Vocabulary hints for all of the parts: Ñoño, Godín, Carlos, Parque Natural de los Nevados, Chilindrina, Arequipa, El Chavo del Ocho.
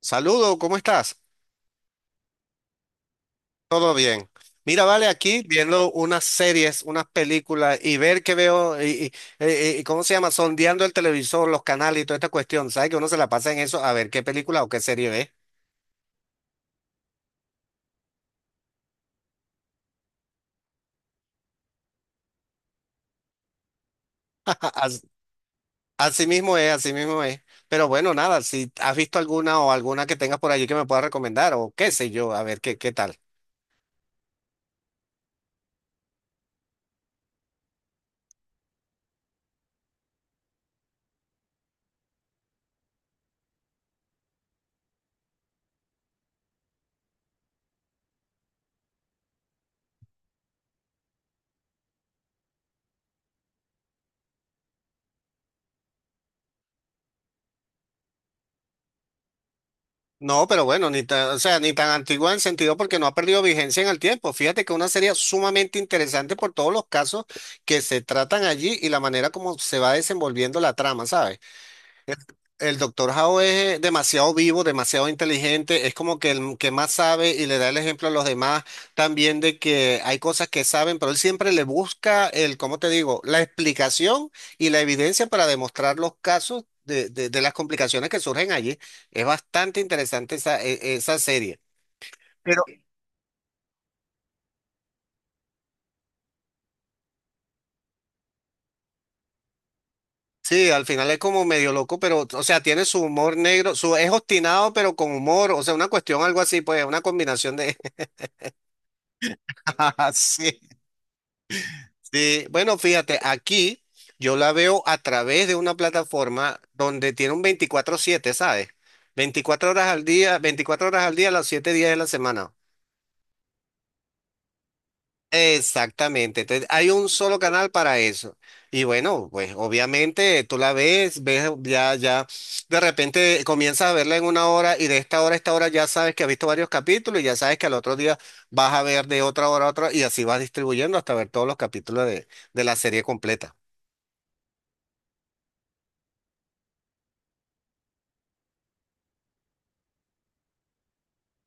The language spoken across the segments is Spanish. Saludo, ¿cómo estás? Todo bien. Mira, vale, aquí viendo unas series, unas películas y ver qué veo ¿cómo se llama? Sondeando el televisor, los canales y toda esta cuestión. ¿Sabes que uno se la pasa en eso a ver qué película o qué serie ve? As- Así mismo es, así mismo es. Pero bueno, nada, si has visto alguna o alguna que tengas por allí que me puedas recomendar o qué sé yo, a ver qué, qué tal. No, pero bueno, ni tan, o sea, ni tan antigua en sentido porque no ha perdido vigencia en el tiempo. Fíjate que es una serie sumamente interesante por todos los casos que se tratan allí y la manera como se va desenvolviendo la trama, ¿sabes? El doctor Howe es demasiado vivo, demasiado inteligente, es como que el que más sabe y le da el ejemplo a los demás también de que hay cosas que saben, pero él siempre le busca el, ¿cómo te digo?, la explicación y la evidencia para demostrar los casos de las complicaciones que surgen allí. Es bastante interesante esa, esa serie. Pero sí, al final es como medio loco, pero, o sea, tiene su humor negro, su, es obstinado, pero con humor, o sea, una cuestión, algo así, pues, una combinación de... Sí. Sí, bueno, fíjate, aquí yo la veo a través de una plataforma donde tiene un 24/7, ¿sabes? 24 horas al día, 24 horas al día, los 7 días de la semana. Exactamente, entonces hay un solo canal para eso. Y bueno, pues obviamente tú la ves, ves ya, ya, de repente comienzas a verla en una hora y de esta hora a esta hora ya sabes que has visto varios capítulos y ya sabes que al otro día vas a ver de otra hora a otra y así vas distribuyendo hasta ver todos los capítulos de la serie completa.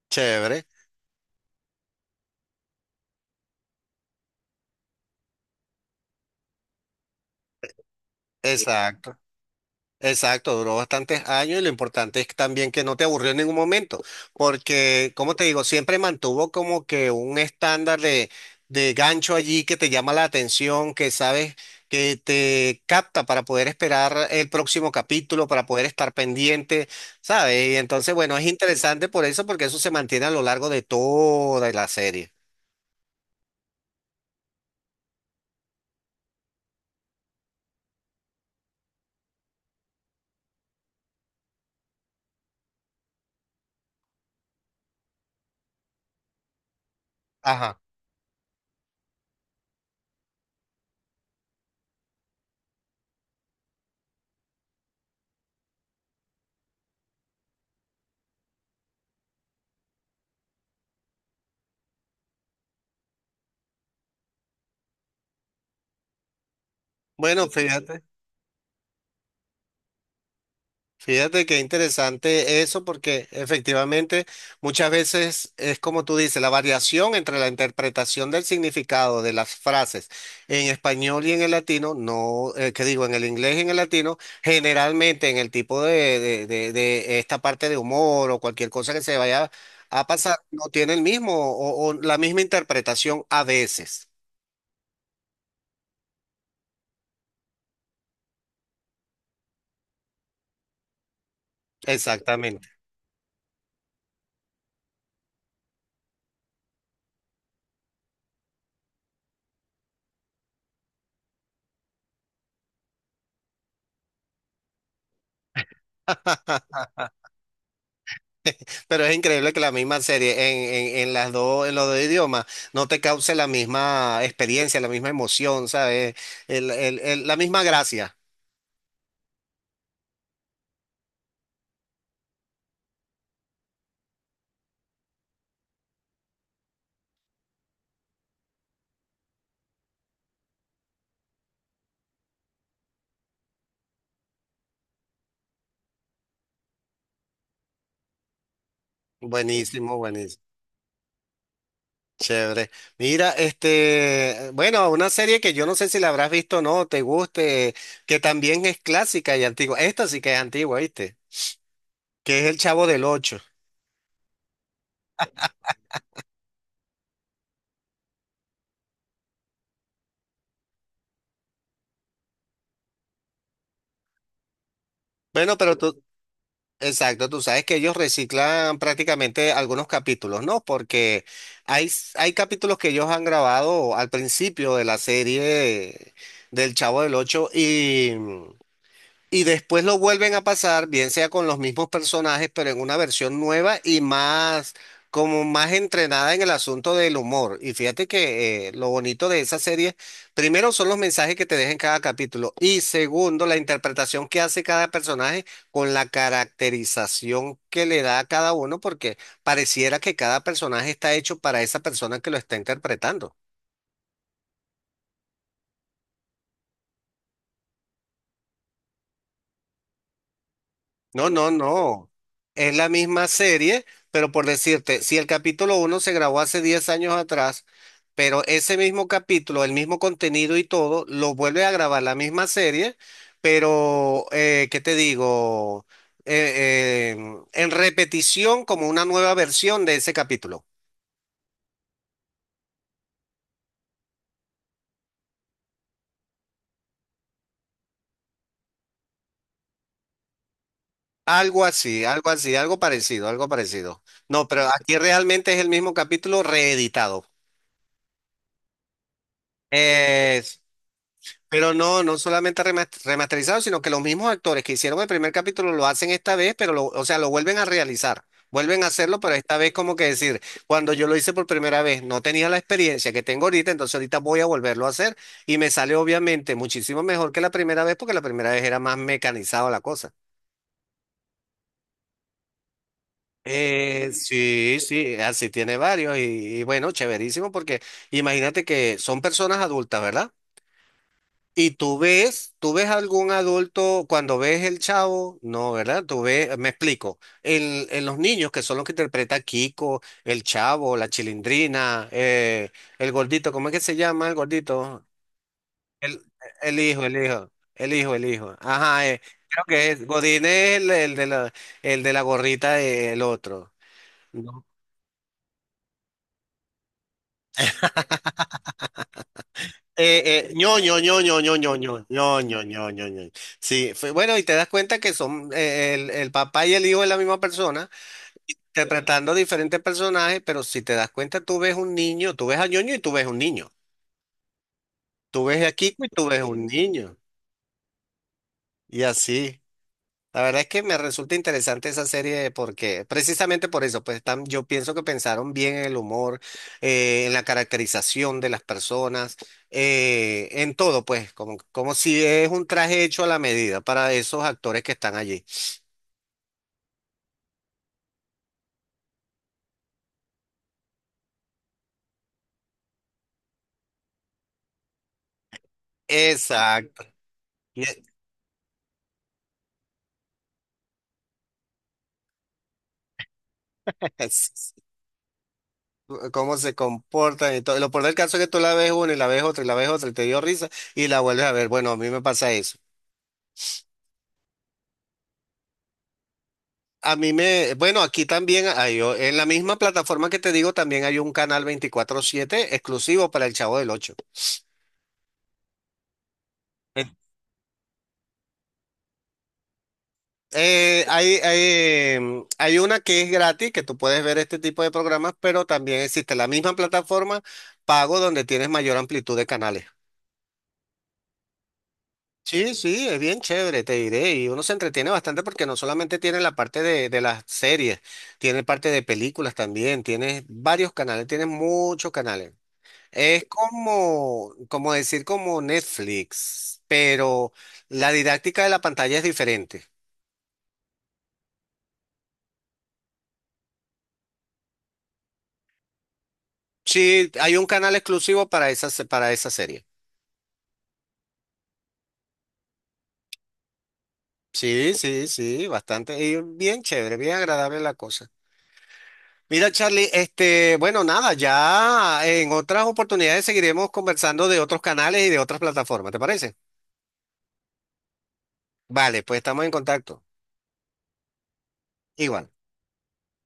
Chévere. Exacto, exacto, duró bastantes años y lo importante es también que no te aburrió en ningún momento, porque, como te digo, siempre mantuvo como que un estándar de gancho allí que te llama la atención, que sabes que te capta para poder esperar el próximo capítulo, para poder estar pendiente, ¿sabes? Y entonces, bueno, es interesante por eso, porque eso se mantiene a lo largo de toda la serie. Ajá. Bueno, fíjate. Fíjate qué interesante eso, porque efectivamente muchas veces es como tú dices, la variación entre la interpretación del significado de las frases en español y en el latino, no, que digo, en el inglés y en el latino, generalmente en el tipo de esta parte de humor o cualquier cosa que se vaya a pasar, no tiene el mismo o la misma interpretación a veces. Exactamente. Pero es increíble que la misma serie en las dos, en los dos idiomas no te cause la misma experiencia, la misma emoción, ¿sabes? La misma gracia. Buenísimo, buenísimo. Chévere. Mira, este, bueno, una serie que yo no sé si la habrás visto o no, te guste, que también es clásica y antigua. Esta sí que es antigua, ¿viste? Que es El Chavo del Ocho. Bueno, pero tú, exacto, tú sabes que ellos reciclan prácticamente algunos capítulos, ¿no? Porque hay, hay capítulos que ellos han grabado al principio de la serie del Chavo del Ocho y después lo vuelven a pasar, bien sea con los mismos personajes, pero en una versión nueva y más, como más entrenada en el asunto del humor. Y fíjate que lo bonito de esa serie, primero son los mensajes que te deja en cada capítulo y segundo, la interpretación que hace cada personaje con la caracterización que le da a cada uno, porque pareciera que cada personaje está hecho para esa persona que lo está interpretando. No, no, no. Es la misma serie, pero por decirte, si el capítulo uno se grabó hace 10 años atrás, pero ese mismo capítulo, el mismo contenido y todo, lo vuelve a grabar la misma serie, pero, ¿qué te digo? Eh, eh, en repetición como una nueva versión de ese capítulo. Algo así, algo así, algo parecido, algo parecido. No, pero aquí realmente es el mismo capítulo reeditado. Pero no, no solamente remasterizado, sino que los mismos actores que hicieron el primer capítulo lo hacen esta vez, pero lo, o sea, lo vuelven a realizar. Vuelven a hacerlo, pero esta vez como que decir, cuando yo lo hice por primera vez, no tenía la experiencia que tengo ahorita, entonces ahorita voy a volverlo a hacer y me sale obviamente muchísimo mejor que la primera vez porque la primera vez era más mecanizado la cosa. Sí, sí, así tiene varios y bueno, chéverísimo porque imagínate que son personas adultas, ¿verdad? Y tú ves algún adulto cuando ves el chavo, no, ¿verdad? Tú ves, me explico, en los niños que son los que interpreta Kiko, el chavo, la chilindrina, el gordito, ¿cómo es que se llama el gordito? El, el hijo, el hijo, el hijo, el hijo. Ajá, creo que es, Godín es el de la gorrita, el otro. No, ñoño, ñoño, ñoño, ñoño, ñoño, ñoño, ñoño. Sí, bueno, y te das cuenta que son el papá y el hijo de la misma persona, interpretando diferentes personajes, pero si te das cuenta, tú ves un niño, tú ves a ñoño y tú ves un niño. Tú ves a Kiko y tú ves un niño. Y así. La verdad es que me resulta interesante esa serie porque precisamente por eso, pues yo pienso que pensaron bien en el humor, en la caracterización de las personas, en todo, pues, como, como si es un traje hecho a la medida para esos actores que están allí. Exacto. Y es- Cómo se comportan y todo. Lo peor del caso es que tú la ves una y la ves otra y la ves otra y te dio risa y la vuelves a ver. Bueno, a mí me pasa eso. A mí me, bueno, aquí también hay, en la misma plataforma que te digo, también hay un canal 24/7 exclusivo para el Chavo del 8. Hay, hay una que es gratis, que tú puedes ver este tipo de programas, pero también existe la misma plataforma pago donde tienes mayor amplitud de canales. Sí, sí, es bien chévere, te diré. Y uno se entretiene bastante porque no solamente tiene la parte de las series, tiene parte de películas también, tienes varios canales, tienes muchos canales. Es como, como decir como Netflix, pero la didáctica de la pantalla es diferente. Sí, hay un canal exclusivo para esa, para esa serie. Sí, sí, sí, bastante. Y bien chévere, bien agradable la cosa. Mira, Charlie, este, bueno, nada, ya en otras oportunidades seguiremos conversando de otros canales y de otras plataformas, ¿te parece? Vale, pues estamos en contacto. Igual.